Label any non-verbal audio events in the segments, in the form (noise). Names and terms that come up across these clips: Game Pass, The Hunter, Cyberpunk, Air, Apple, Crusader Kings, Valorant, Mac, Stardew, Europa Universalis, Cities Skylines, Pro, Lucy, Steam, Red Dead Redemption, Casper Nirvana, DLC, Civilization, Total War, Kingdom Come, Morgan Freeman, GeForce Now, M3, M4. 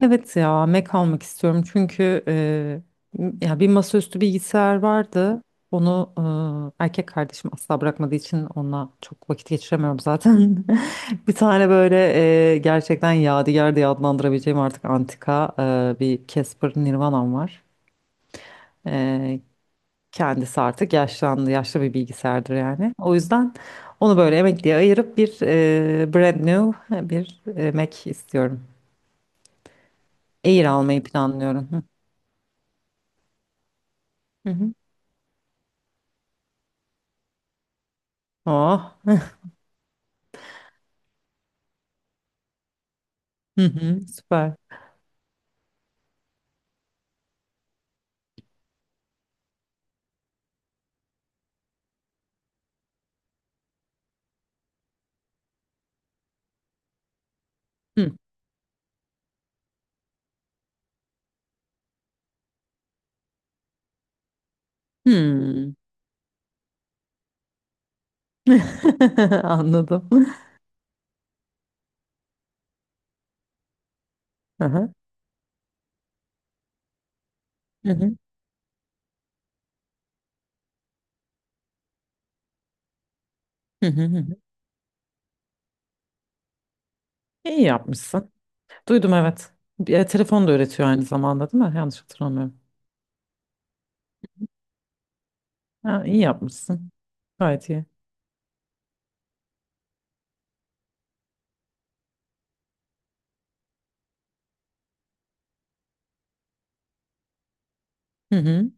Evet ya Mac almak istiyorum çünkü ya bir masaüstü bilgisayar vardı. Onu erkek kardeşim asla bırakmadığı için onunla çok vakit geçiremiyorum zaten. (laughs) Bir tane böyle gerçekten yadigar diye adlandırabileceğim artık antika bir Casper Nirvana'm var. Eee, Kendisi artık yaşlandı, yaşlı bir bilgisayardır yani. O yüzden onu böyle emekliye ayırıp bir brand new bir Mac istiyorum. Air almayı planlıyorum. Hı hı. Oh. Hı hı, süper. Hı. Hmm. (laughs) Anladım. Aha. Hı hı. Hı hı hı. Hı. İyi yapmışsın. Duydum, evet. Bir telefon da öğretiyor aynı zamanda, değil mi? Yanlış hatırlamıyorum. Ha, iyi yapmışsın. Gayet iyi. Hı hı.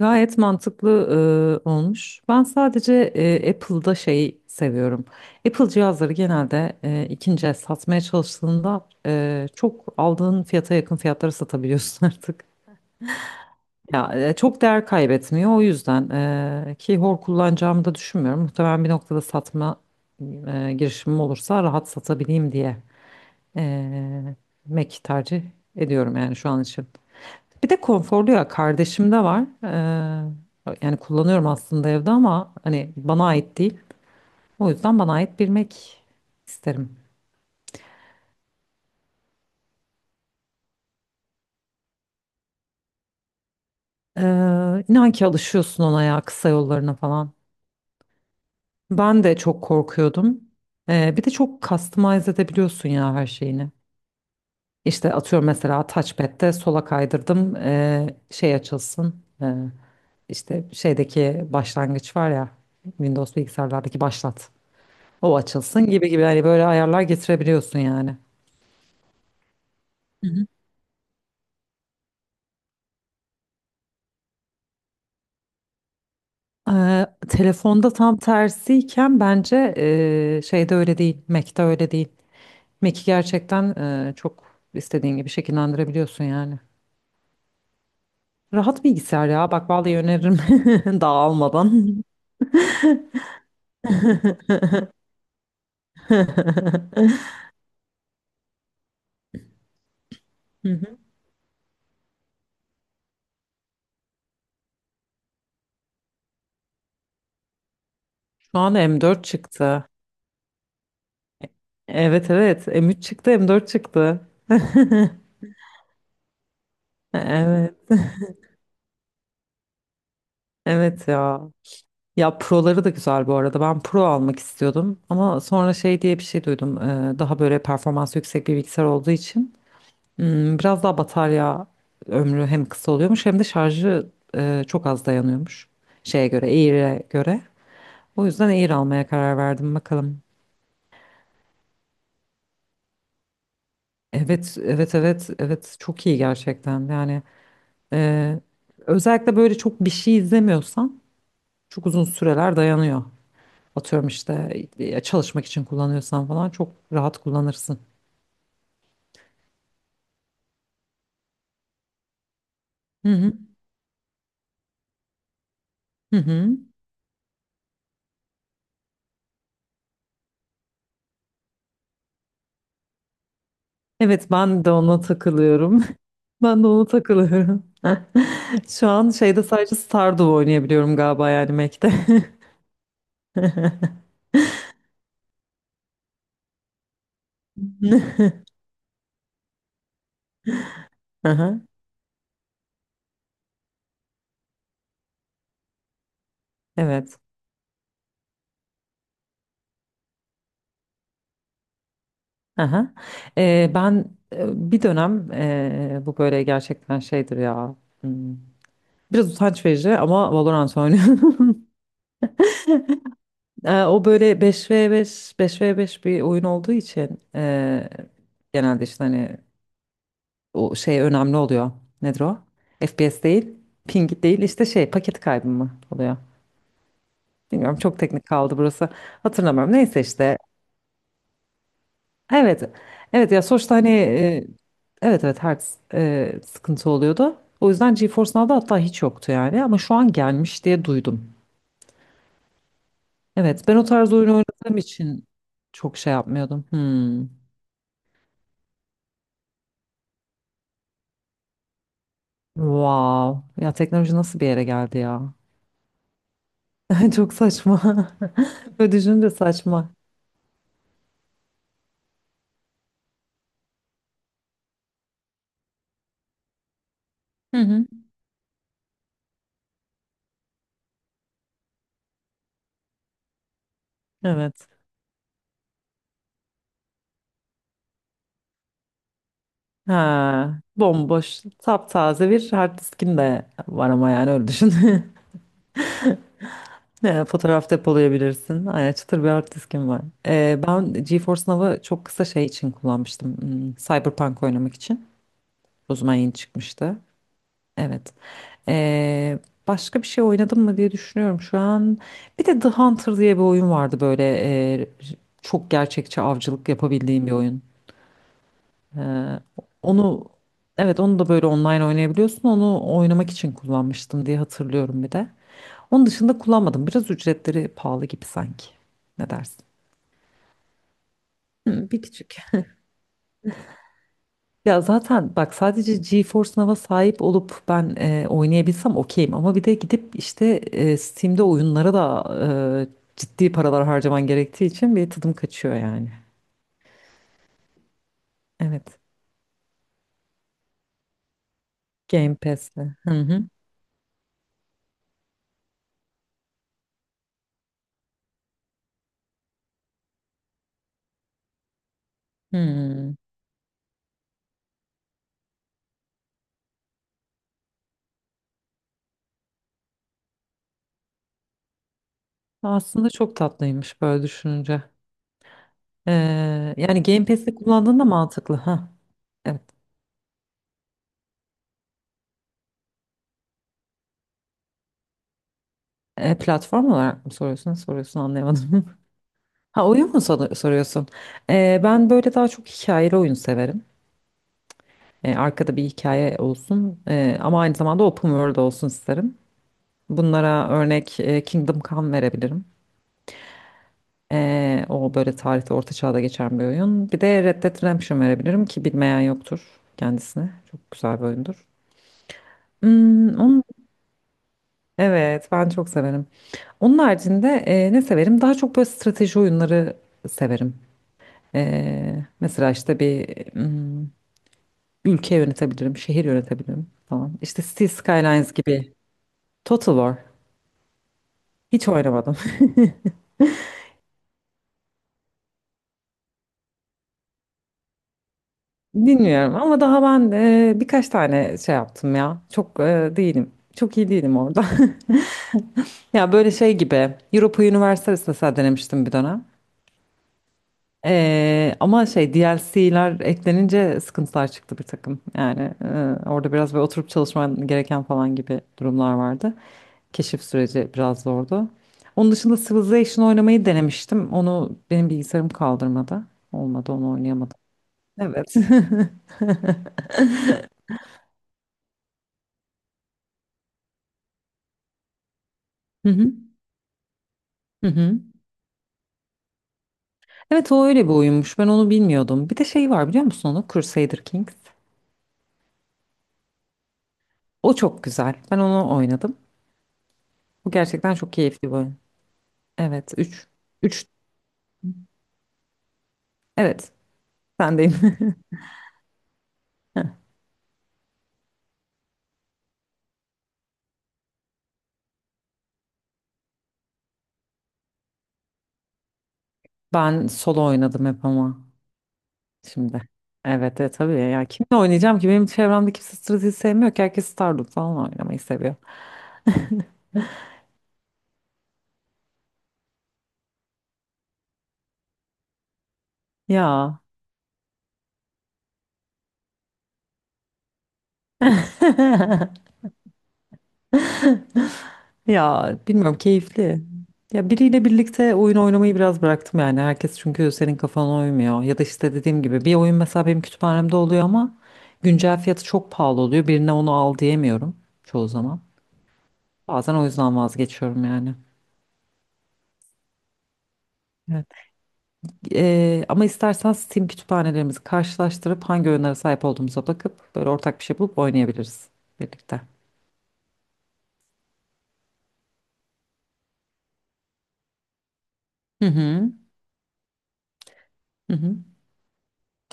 Gayet mantıklı olmuş. Ben sadece Apple'da şeyi seviyorum. Apple cihazları genelde ikinci el satmaya çalıştığında çok aldığın fiyata yakın fiyatlara satabiliyorsun (laughs) artık. Ya çok değer kaybetmiyor, o yüzden ki hor kullanacağımı da düşünmüyorum. Muhtemelen bir noktada satma girişimim olursa rahat satabileyim diye e, Mac tercih ediyorum yani şu an için. Bir de konforlu ya, kardeşim de var. Yani kullanıyorum aslında evde ama hani bana ait değil. O yüzden bana ait bir Mac isterim. E, inan ki alışıyorsun ona ya, kısa yollarına falan. Ben de çok korkuyordum. Bir de çok customize edebiliyorsun ya her şeyini. İşte atıyorum, mesela touchpad'de sola kaydırdım şey açılsın. İşte şeydeki başlangıç var ya, Windows bilgisayarlardaki başlat. O açılsın gibi gibi, hani böyle ayarlar getirebiliyorsun yani. Telefonda tam tersiyken bence şeyde öyle değil. Mac'te öyle değil. Mac'i gerçekten çok istediğin gibi şekillendirebiliyorsun yani. Rahat bilgisayar ya. Bak vallahi öneririm (laughs) dağılmadan. (laughs) Hı hı. Şu an M4 çıktı. Evet, evet, M3 çıktı, M4 çıktı. (laughs) Evet. Evet ya. Ya Pro'ları da güzel bu arada. Ben Pro almak istiyordum ama sonra şey diye bir şey duydum. Daha böyle performansı yüksek bir bilgisayar olduğu için biraz daha batarya ömrü hem kısa oluyormuş hem de şarjı çok az dayanıyormuş, şeye göre, Air'e göre. O yüzden Air almaya karar verdim, bakalım. Evet, evet, evet, evet. Çok iyi gerçekten. Yani e, özellikle böyle çok bir şey izlemiyorsan çok uzun süreler dayanıyor. Atıyorum işte çalışmak için kullanıyorsan falan çok rahat kullanırsın. Hı hı. Hı hı. Evet, ben de ona takılıyorum. (laughs) Ben de ona takılıyorum. (laughs) Şu an şeyde sadece Stardew oynayabiliyorum galiba, yani Mac'te. (laughs) (laughs) Aha, evet. Aha. Ben bir dönem bu böyle gerçekten şeydir ya. hmm, Biraz utanç verici ama Valorant oynuyorum. (laughs) O böyle beş v beş bir oyun olduğu için genelde işte hani o şey önemli oluyor. Nedir o? FPS değil, ping değil, işte şey paket kaybı mı oluyor? Bilmiyorum, çok teknik kaldı burası. Hatırlamıyorum. Neyse işte. Evet. Evet ya, sonuçta hani evet, evet, her sıkıntı oluyordu. O yüzden GeForce Now'da hatta hiç yoktu yani, ama şu an gelmiş diye duydum. Evet, ben o tarz oyun oynadığım için çok şey yapmıyordum. Hmm. Wow. Ya teknoloji nasıl bir yere geldi ya? (laughs) Çok saçma. (laughs) Böyle düşününce saçma. Hı hı. Evet. Ha, bomboş, taptaze bir hard diskin de var ama yani öyle düşün. (laughs) Ne, fotoğraf depolayabilirsin. Aynen, çıtır bir hard diskim var. Ben GeForce Now'ı çok kısa şey için kullanmıştım. Cyberpunk oynamak için. O zaman yeni çıkmıştı. Evet. Ee, Başka bir şey oynadım mı diye düşünüyorum şu an. Bir de The Hunter diye bir oyun vardı böyle. e, Çok gerçekçi avcılık yapabildiğim bir oyun. Ee, onu evet onu da böyle online oynayabiliyorsun. Onu oynamak için kullanmıştım diye hatırlıyorum bir de. Onun dışında kullanmadım. Biraz ücretleri pahalı gibi sanki. Ne dersin? Hı, bir küçük. Ya zaten bak, sadece GeForce Now'a sahip olup ben oynayabilsem okeyim, ama bir de gidip işte Steam'de oyunlara da ciddi paralar harcaman gerektiği için bir tadım kaçıyor yani. Evet. Game Pass'le. Hı hı. Hmm. Aslında çok tatlıymış böyle düşününce. E, Yani Game Pass'i kullandığında mantıklı. Ha. Evet. Platform olarak mı soruyorsun? Soruyorsun, anlayamadım. (laughs) Ha, oyun mu soruyorsun? Ben böyle daha çok hikayeli oyun severim. Arkada bir hikaye olsun, ama aynı zamanda open world olsun isterim. Bunlara örnek Kingdom Come verebilirim. O böyle tarihte, orta çağda geçen bir oyun. Bir de Red Dead Redemption verebilirim ki bilmeyen yoktur kendisine. Çok güzel bir oyundur. Hmm, onun, evet, ben çok severim. Onun haricinde ne severim? Daha çok böyle strateji oyunları severim. Mesela işte bir hmm, ülke yönetebilirim, şehir yönetebilirim falan. İşte Cities Skylines gibi. Total War. Hiç oynamadım. (laughs) Dinliyorum ama daha ben birkaç tane şey yaptım ya. Çok değilim. Çok iyi değilim orada. (laughs) Ya böyle şey gibi. Europa Universalis mesela denemiştim bir dönem. Ama şey DLC'ler eklenince sıkıntılar çıktı bir takım. Yani orada biraz böyle oturup çalışman gereken falan gibi durumlar vardı. Keşif süreci biraz zordu. Onun dışında Civilization oynamayı denemiştim. Onu benim bilgisayarım kaldırmadı. Olmadı, onu oynayamadım. Evet. (laughs) Hı hı. Hı hı. Evet, o öyle bir oyunmuş. Ben onu bilmiyordum. Bir de şey var, biliyor musun onu? Crusader Kings. O çok güzel. Ben onu oynadım. Bu gerçekten çok keyifli bir oyun. Evet, üç. Üç. Evet, sendeyim. (laughs) Ben solo oynadım hep, ama şimdi. Evet, evet, tabii ya. Kimle oynayacağım ki? Benim çevremde kimse strateji sevmiyor ki. Herkes Stardew falan oynamayı seviyor. Ya. (laughs) Ya bilmiyorum, keyifli. Ya biriyle birlikte oyun oynamayı biraz bıraktım yani. Herkes çünkü senin kafana uymuyor. Ya da işte dediğim gibi bir oyun mesela benim kütüphanemde oluyor ama güncel fiyatı çok pahalı oluyor. Birine onu al diyemiyorum çoğu zaman. Bazen o yüzden vazgeçiyorum yani. Evet. Ama istersen Steam kütüphanelerimizi karşılaştırıp hangi oyunlara sahip olduğumuza bakıp böyle ortak bir şey bulup oynayabiliriz birlikte. Hı hı. Hı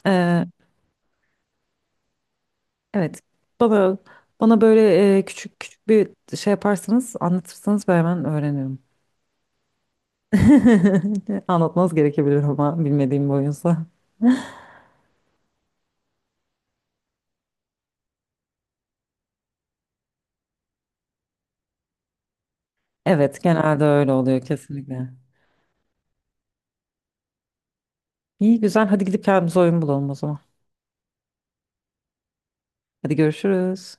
hı. Evet. Bana bana böyle küçük küçük bir şey yaparsanız, anlatırsanız ben hemen öğrenirim. (laughs) Anlatmanız gerekebilir ama bilmediğim bir oyunsa. Evet, genelde öyle oluyor kesinlikle. İyi güzel. Hadi gidip kendimize oyun bulalım o zaman. Hadi görüşürüz.